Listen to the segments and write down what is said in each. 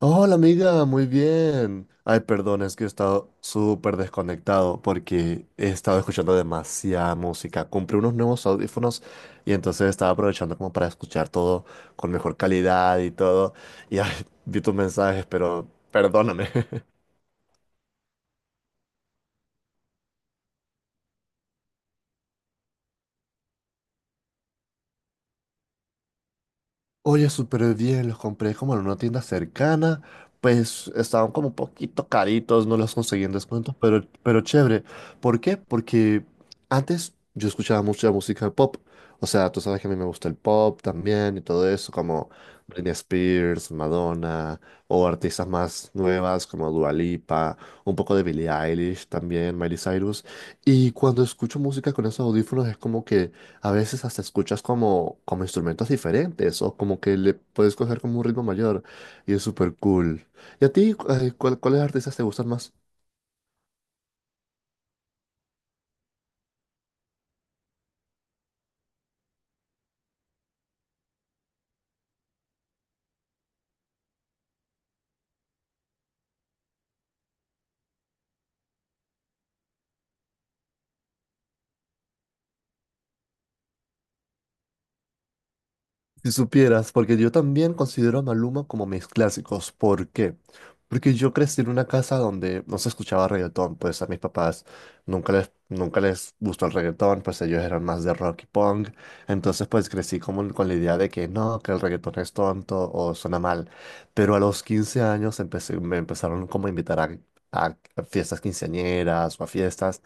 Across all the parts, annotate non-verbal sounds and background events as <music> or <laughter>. Hola amiga, muy bien. Ay, perdón, es que he estado súper desconectado porque he estado escuchando demasiada música. Compré unos nuevos audífonos y entonces estaba aprovechando como para escuchar todo con mejor calidad y todo. Y ay, vi tus mensajes, pero perdóname. <laughs> Oye, súper bien, los compré como en una tienda cercana, pues estaban como un poquito caritos, no los conseguí en descuento, pero chévere. ¿Por qué? Porque antes yo escuchaba mucha música pop, o sea, tú sabes que a mí me gusta el pop también y todo eso, como Britney Spears, Madonna, o artistas más nuevas como Dua Lipa, un poco de Billie Eilish también, Miley Cyrus, y cuando escucho música con esos audífonos es como que a veces hasta escuchas como instrumentos diferentes o como que le puedes coger como un ritmo mayor y es súper cool. ¿Y a ti, cuáles artistas te gustan más? Si supieras, porque yo también considero a Maluma como mis clásicos. ¿Por qué? Porque yo crecí en una casa donde no se escuchaba reggaetón, pues a mis papás nunca les gustó el reggaetón, pues ellos eran más de rock y punk. Entonces pues crecí como con la idea de que no, que el reggaetón es tonto o suena mal. Pero a los 15 años me empezaron como a invitar a, fiestas quinceañeras o a fiestas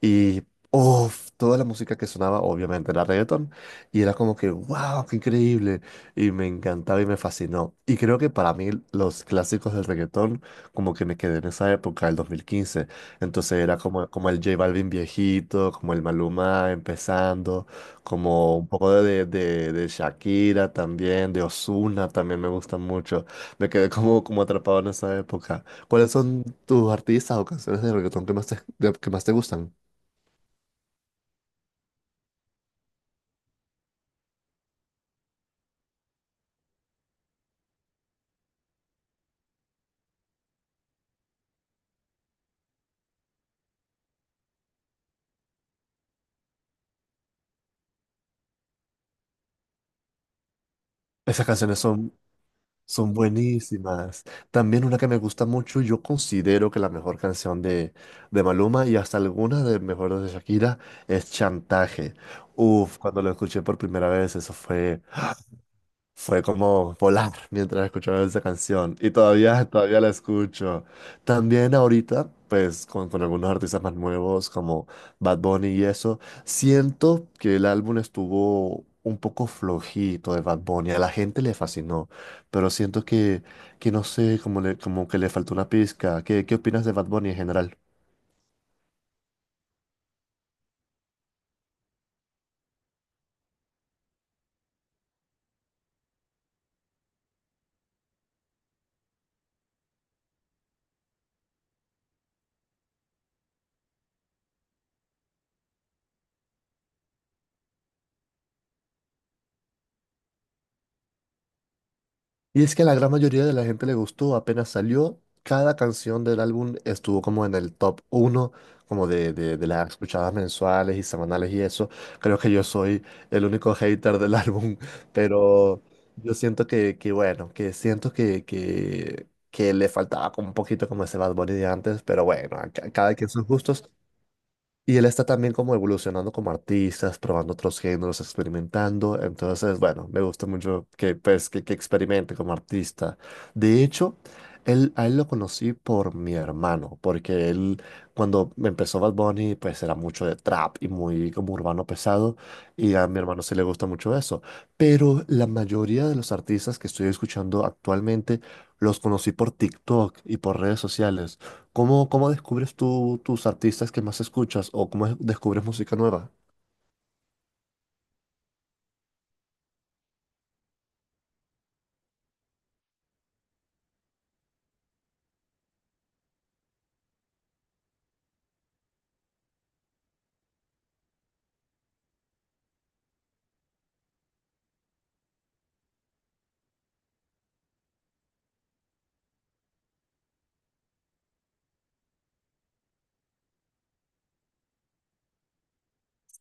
y. Uf, toda la música que sonaba obviamente era reggaetón. Y era como que, wow, qué increíble. Y me encantaba y me fascinó. Y creo que para mí los clásicos del reggaetón, como que me quedé en esa época, el 2015. Entonces era como el J Balvin viejito, como el Maluma empezando, como un poco de, de Shakira también, de Ozuna también me gusta mucho. Me quedé como atrapado en esa época. ¿Cuáles son tus artistas o canciones de reggaetón que más te gustan? Esas canciones son buenísimas. También una que me gusta mucho, yo considero que la mejor canción de, Maluma y hasta algunas de mejores de Shakira es Chantaje. Uf, cuando lo escuché por primera vez, eso fue como volar mientras escuchaba esa canción y todavía, todavía la escucho. También ahorita, pues con algunos artistas más nuevos como Bad Bunny y eso, siento que el álbum estuvo un poco flojito de Bad Bunny. A la gente le fascinó, pero siento que no sé, como que le faltó una pizca. ¿Qué opinas de Bad Bunny en general? Y es que a la gran mayoría de la gente le gustó, apenas salió, cada canción del álbum estuvo como en el top uno como de las escuchadas mensuales y semanales y eso. Creo que yo soy el único hater del álbum, <laughs> pero yo siento que bueno, que siento que le faltaba como un poquito como ese Bad Bunny de antes, pero bueno, a cada quien sus gustos. Y él está también como evolucionando como artista, probando otros géneros, experimentando. Entonces, bueno, me gusta mucho que, pues, que experimente como artista. De hecho, a él lo conocí por mi hermano, porque él, cuando empezó Bad Bunny, pues era mucho de trap y muy como urbano pesado. Y a mi hermano sí le gusta mucho eso. Pero la mayoría de los artistas que estoy escuchando actualmente los conocí por TikTok y por redes sociales. ¿Cómo descubres tú tus artistas que más escuchas o cómo descubres música nueva?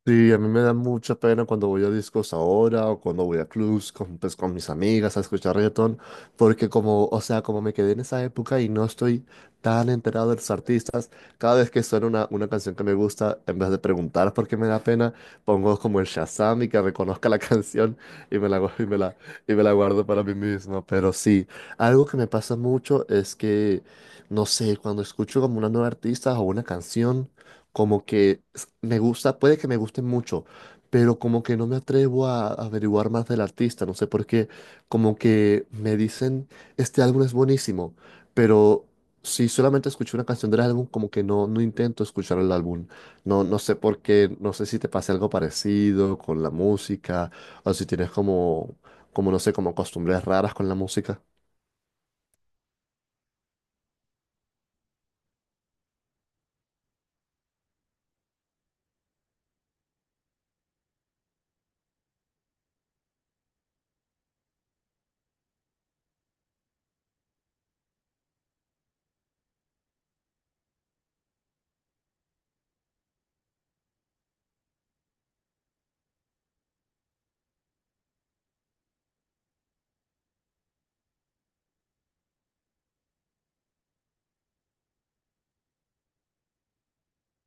Sí, a mí me da mucha pena cuando voy a discos ahora o cuando voy a clubs con, pues, con, mis amigas a escuchar reggaetón, porque como, o sea, como me quedé en esa época y no estoy tan enterado de los artistas, cada vez que suena una canción que me gusta, en vez de preguntar por qué me da pena, pongo como el Shazam y que reconozca la <laughs> canción y me la, gu- y me la guardo para mí mismo. Pero sí, algo que me pasa mucho es que, no sé, cuando escucho como una nueva artista o una canción, como que me gusta, puede que me guste mucho, pero como que no me atrevo a averiguar más del artista, no sé por qué, como que me dicen, este álbum es buenísimo, pero si solamente escuché una canción del álbum, como que no intento escuchar el álbum, no, no sé por qué, no sé si te pasa algo parecido con la música, o si tienes como no sé, como costumbres raras con la música.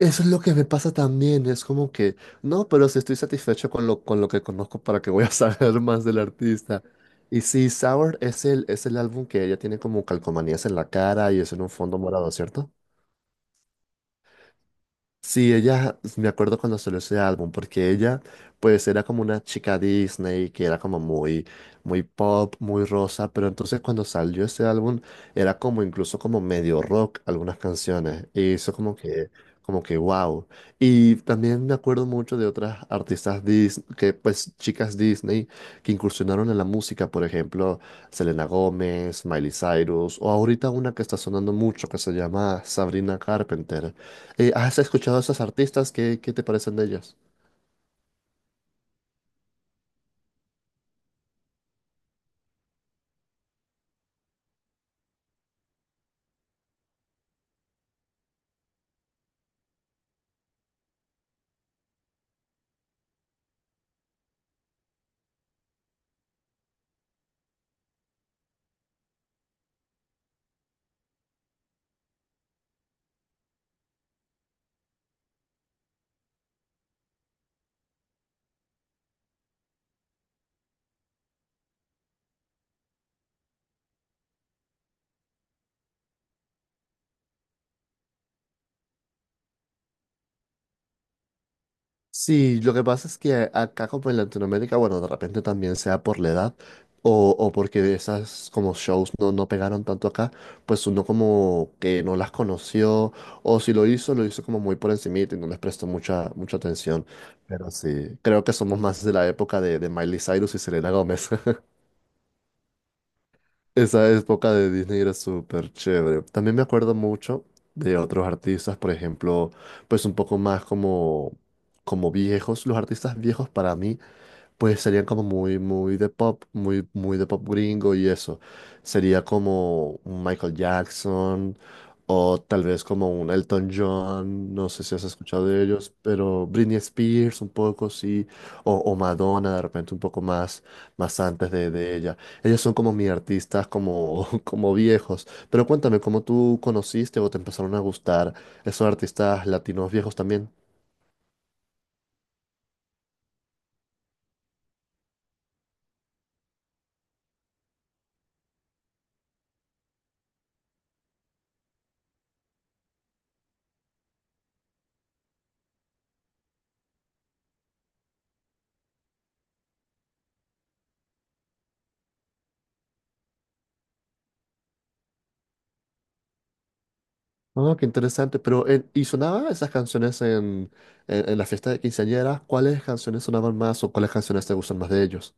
Eso es lo que me pasa también, es como que, no, pero si estoy satisfecho con lo, que conozco, ¿para que voy a <laughs> saber más del artista? Y sí, Sour es el álbum que ella tiene como calcomanías en la cara y es en un fondo morado, ¿cierto? Sí, me acuerdo cuando salió ese álbum, porque ella, pues, era como una chica Disney, que era como muy, muy pop, muy rosa, pero entonces cuando salió ese álbum, era como incluso como medio rock algunas canciones, y eso como que wow. Y también me acuerdo mucho de otras artistas Disney, que pues, chicas Disney, que incursionaron en la música, por ejemplo, Selena Gómez, Miley Cyrus, o ahorita una que está sonando mucho, que se llama Sabrina Carpenter. ¿Has escuchado a esas artistas? ¿Qué te parecen de ellas? Sí, lo que pasa es que acá como en Latinoamérica, bueno, de repente también sea por la edad o, porque esas como shows no pegaron tanto acá, pues uno como que no las conoció o si lo hizo, lo hizo como muy por encimita y no les prestó mucha, mucha atención. Pero sí, creo que somos más de la época de Miley Cyrus y Selena Gómez. <laughs> Esa época de Disney era súper chévere. También me acuerdo mucho de otros artistas, por ejemplo, pues un poco más como viejos. Los artistas viejos para mí, pues serían como muy, muy de pop, muy, muy de pop gringo y eso. Sería como un Michael Jackson o tal vez como un Elton John, no sé si has escuchado de ellos, pero Britney Spears un poco, sí, o, Madonna de repente un poco más, más antes de ella. Ellos son como mis artistas, como, <laughs> como viejos. Pero cuéntame, ¿cómo tú conociste o te empezaron a gustar esos artistas latinos viejos también? Ah, qué interesante. Pero, ¿y sonaban esas canciones en la fiesta de quinceañera? ¿Cuáles canciones sonaban más o cuáles canciones te gustan más de ellos?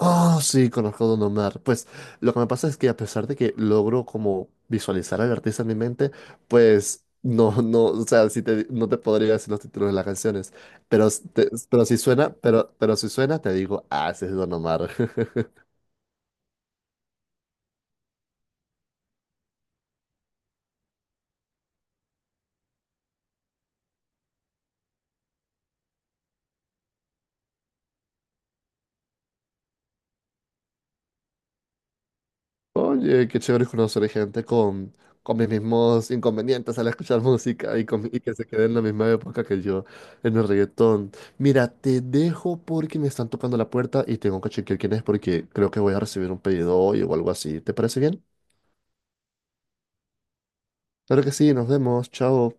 Oh, sí, conozco a Don Omar. Pues lo que me pasa es que a pesar de que logro como visualizar al artista en mi mente, pues no, o sea, no te podría decir los títulos de las canciones, pero, pero si suena, pero si suena, te digo, ah, ese es Don Omar. <laughs> Oye, qué chévere es conocer gente con, mis mismos inconvenientes al escuchar música y que se quede en la misma época que yo en el reggaetón. Mira, te dejo porque me están tocando la puerta y tengo que chequear quién es porque creo que voy a recibir un pedido hoy o algo así. ¿Te parece bien? Claro que sí, nos vemos, chao.